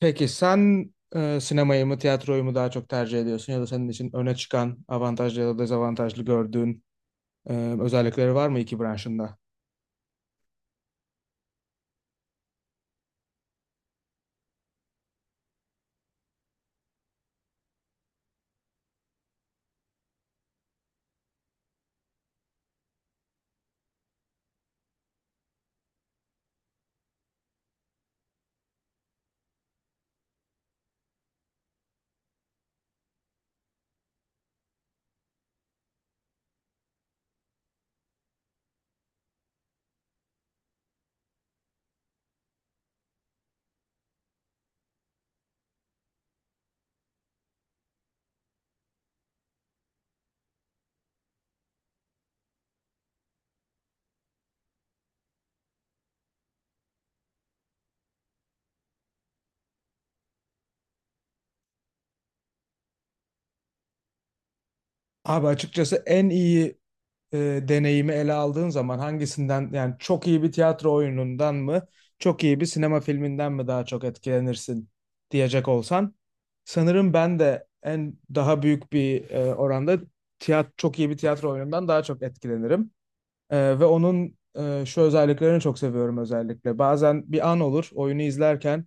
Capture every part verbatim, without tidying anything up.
Peki sen e, sinemayı mı tiyatroyu mu daha çok tercih ediyorsun ya da senin için öne çıkan avantajlı ya da dezavantajlı gördüğün e, özellikleri var mı iki branşında? Abi açıkçası en iyi e, deneyimi ele aldığın zaman hangisinden yani çok iyi bir tiyatro oyunundan mı çok iyi bir sinema filminden mi daha çok etkilenirsin diyecek olsan sanırım ben de en daha büyük bir e, oranda tiyat çok iyi bir tiyatro oyunundan daha çok etkilenirim. Ee, ve onun e, şu özelliklerini çok seviyorum özellikle. Bazen bir an olur oyunu izlerken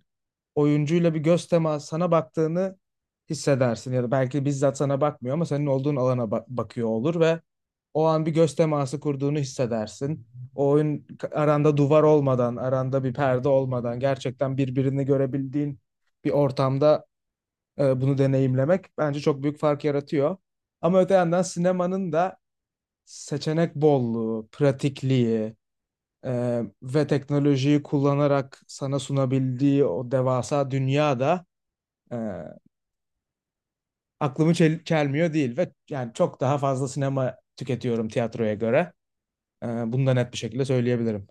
oyuncuyla bir göz teması sana baktığını hissedersin ya da belki bizzat sana bakmıyor ama senin olduğun alana bak- bakıyor olur ve o an bir göz teması kurduğunu hissedersin. O oyun aranda duvar olmadan, aranda bir perde olmadan gerçekten birbirini görebildiğin bir ortamda e, bunu deneyimlemek bence çok büyük fark yaratıyor. Ama öte yandan sinemanın da seçenek bolluğu, pratikliği, ee, ve teknolojiyi kullanarak sana sunabildiği o devasa dünyada e, aklımı çel- çelmiyor değil ve yani çok daha fazla sinema tüketiyorum tiyatroya göre. Ee, Bunu da net bir şekilde söyleyebilirim.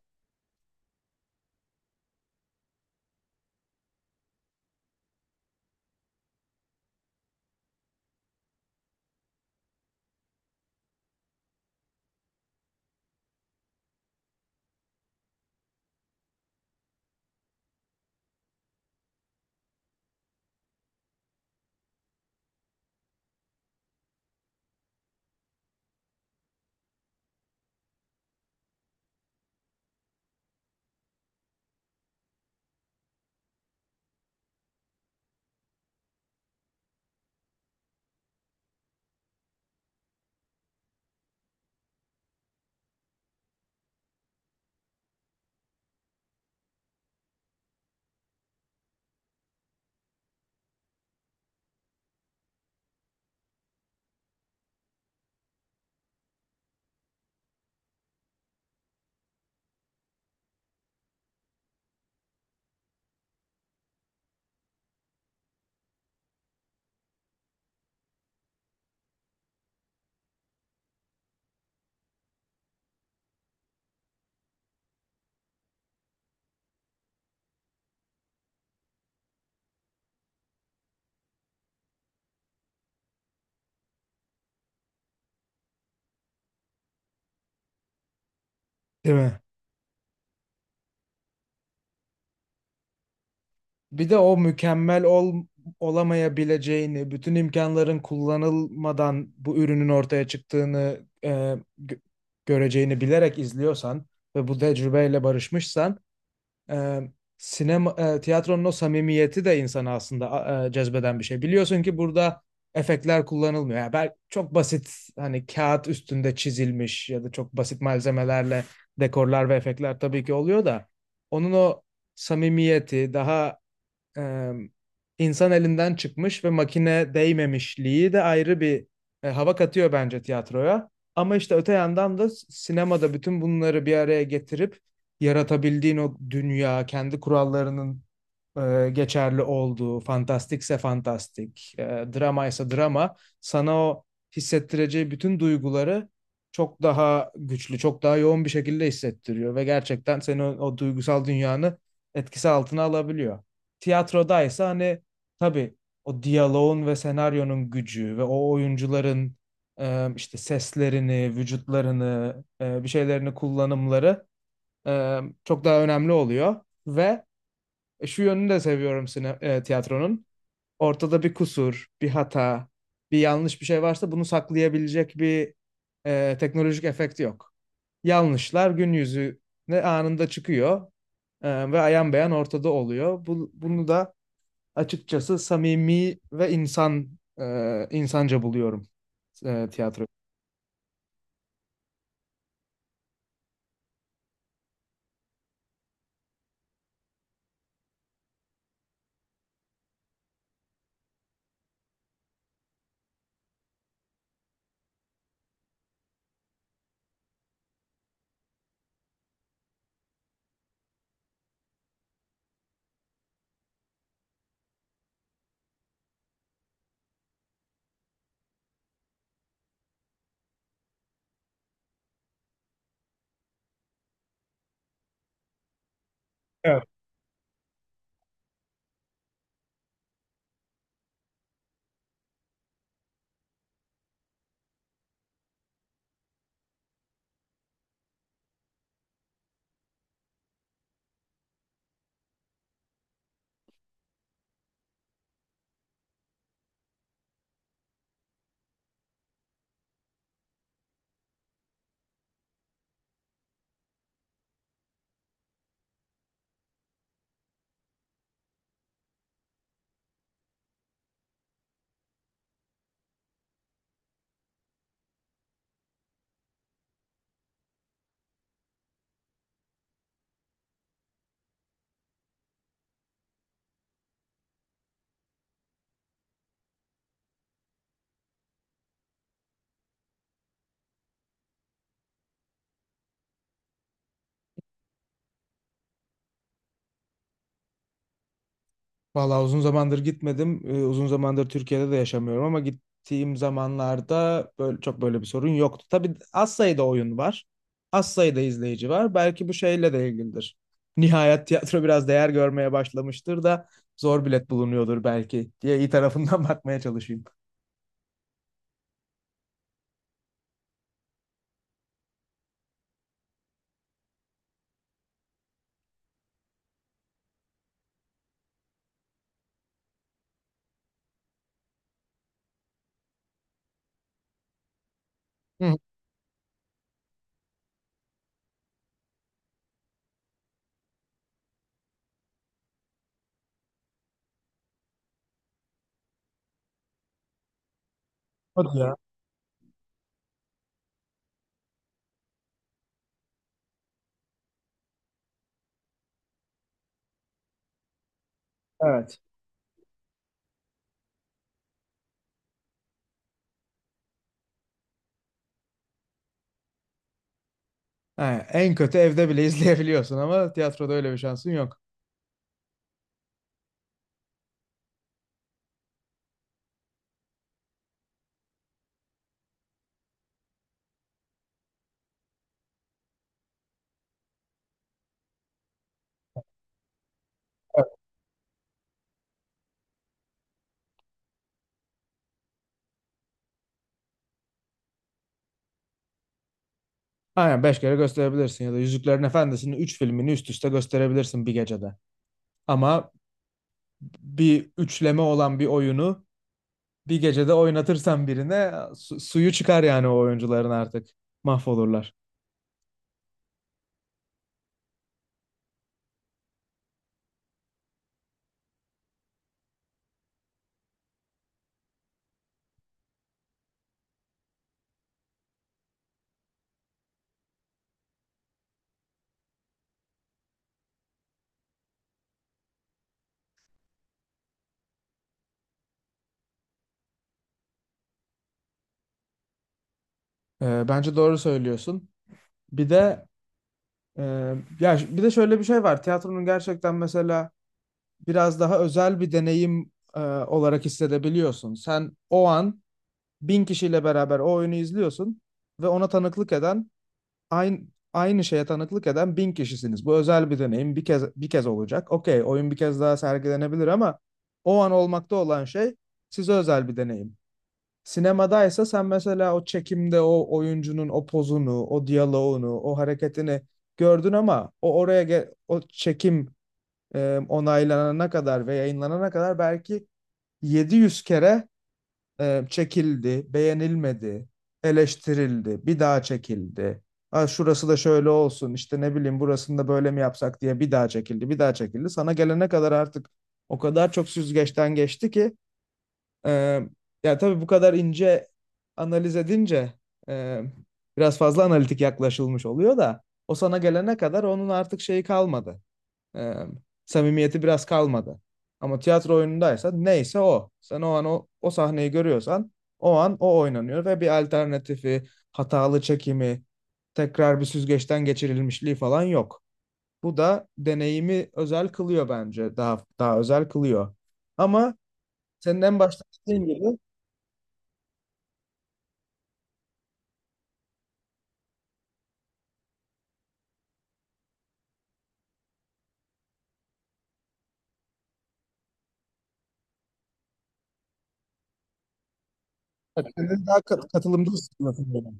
Değil mi? Bir de o mükemmel ol, olamayabileceğini, bütün imkanların kullanılmadan bu ürünün ortaya çıktığını e, gö- göreceğini bilerek izliyorsan ve bu tecrübeyle barışmışsan e, sinema e, tiyatronun o samimiyeti de insanı aslında e, cezbeden bir şey. Biliyorsun ki burada efektler kullanılmıyor. Yani bel- çok basit hani kağıt üstünde çizilmiş ya da çok basit malzemelerle dekorlar ve efektler tabii ki oluyor da onun o samimiyeti daha e, insan elinden çıkmış ve makine değmemişliği de ayrı bir e, hava katıyor bence tiyatroya. Ama işte öte yandan da s- sinemada bütün bunları bir araya getirip yaratabildiğin o dünya, kendi kurallarının e, geçerli olduğu, fantastikse fantastik, e, dramaysa drama, sana o hissettireceği bütün duyguları çok daha güçlü, çok daha yoğun bir şekilde hissettiriyor ve gerçekten seni o, o duygusal dünyanı etkisi altına alabiliyor. Tiyatrodaysa hani tabii o diyaloğun ve senaryonun gücü ve o oyuncuların e, işte seslerini, vücutlarını, e, bir şeylerini kullanımları e, çok daha önemli oluyor ve e, Şu yönünü de seviyorum sine- e, tiyatronun. Ortada bir kusur, bir hata, bir yanlış bir şey varsa bunu saklayabilecek bir e, teknolojik efekt yok. Yanlışlar gün yüzüne anında çıkıyor e, ve ayan beyan ortada oluyor. Bu, bunu da açıkçası samimi ve insan e, insanca buluyorum e, tiyatro. Vallahi uzun zamandır gitmedim. Ee, uzun zamandır Türkiye'de de yaşamıyorum ama gittiğim zamanlarda böyle, çok böyle bir sorun yoktu. Tabii az sayıda oyun var. Az sayıda izleyici var. Belki bu şeyle de ilgilidir. Nihayet tiyatro biraz değer görmeye başlamıştır da zor bilet bulunuyordur belki diye iyi tarafından bakmaya çalışayım. Hı, hadi ya. Evet. Ha, en kötü evde bile izleyebiliyorsun ama tiyatroda öyle bir şansın yok. Evet. Aynen beş kere gösterebilirsin ya da Yüzüklerin Efendisi'nin üç filmini üst üste gösterebilirsin bir gecede. Ama bir üçleme olan bir oyunu bir gecede oynatırsan birine su- suyu çıkar yani o oyuncuların artık. Mahvolurlar. Ee, bence doğru söylüyorsun. Bir de e, ya ş- Bir de şöyle bir şey var. Tiyatronun gerçekten mesela biraz daha özel bir deneyim e, olarak hissedebiliyorsun. Sen o an bin kişiyle beraber o oyunu izliyorsun ve ona tanıklık eden aynı aynı şeye tanıklık eden bin kişisiniz. Bu özel bir deneyim. Bir kez bir kez olacak. Okey, oyun bir kez daha sergilenebilir ama o an olmakta olan şey size özel bir deneyim. Sinemadaysa sen mesela o çekimde o oyuncunun o pozunu, o diyaloğunu, o hareketini gördün ama o oraya ge- o çekim e, onaylanana kadar ve yayınlanana kadar belki yedi yüz kere e, çekildi, beğenilmedi, eleştirildi, bir daha çekildi. Ha, şurası da şöyle olsun, işte ne bileyim burasını da böyle mi yapsak diye bir daha çekildi, bir daha çekildi. Sana gelene kadar artık o kadar çok süzgeçten geçti ki e, ya tabii bu kadar ince analiz edince e, biraz fazla analitik yaklaşılmış oluyor da o sana gelene kadar onun artık şeyi kalmadı. Ee, Samimiyeti biraz kalmadı. Ama tiyatro oyunundaysa neyse o. Sen o an o, o sahneyi görüyorsan o an o oynanıyor ve bir alternatifi, hatalı çekimi, tekrar bir süzgeçten geçirilmişliği falan yok. Bu da deneyimi özel kılıyor bence. Daha daha özel kılıyor. Ama senin en başta dediğin gibi bak, kendini daha kat- katılımda hissediyorsun.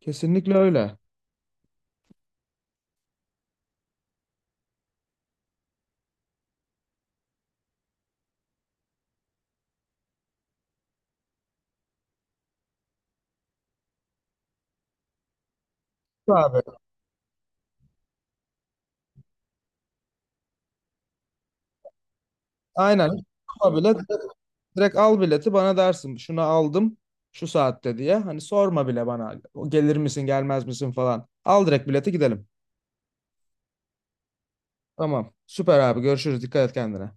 Kesinlikle öyle. Abi, aynen. Ama bile Direkt al bileti bana dersin şunu aldım şu saatte diye. Hani sorma bile bana "O gelir misin gelmez misin falan. Al direkt bileti gidelim. Tamam süper abi görüşürüz dikkat et kendine.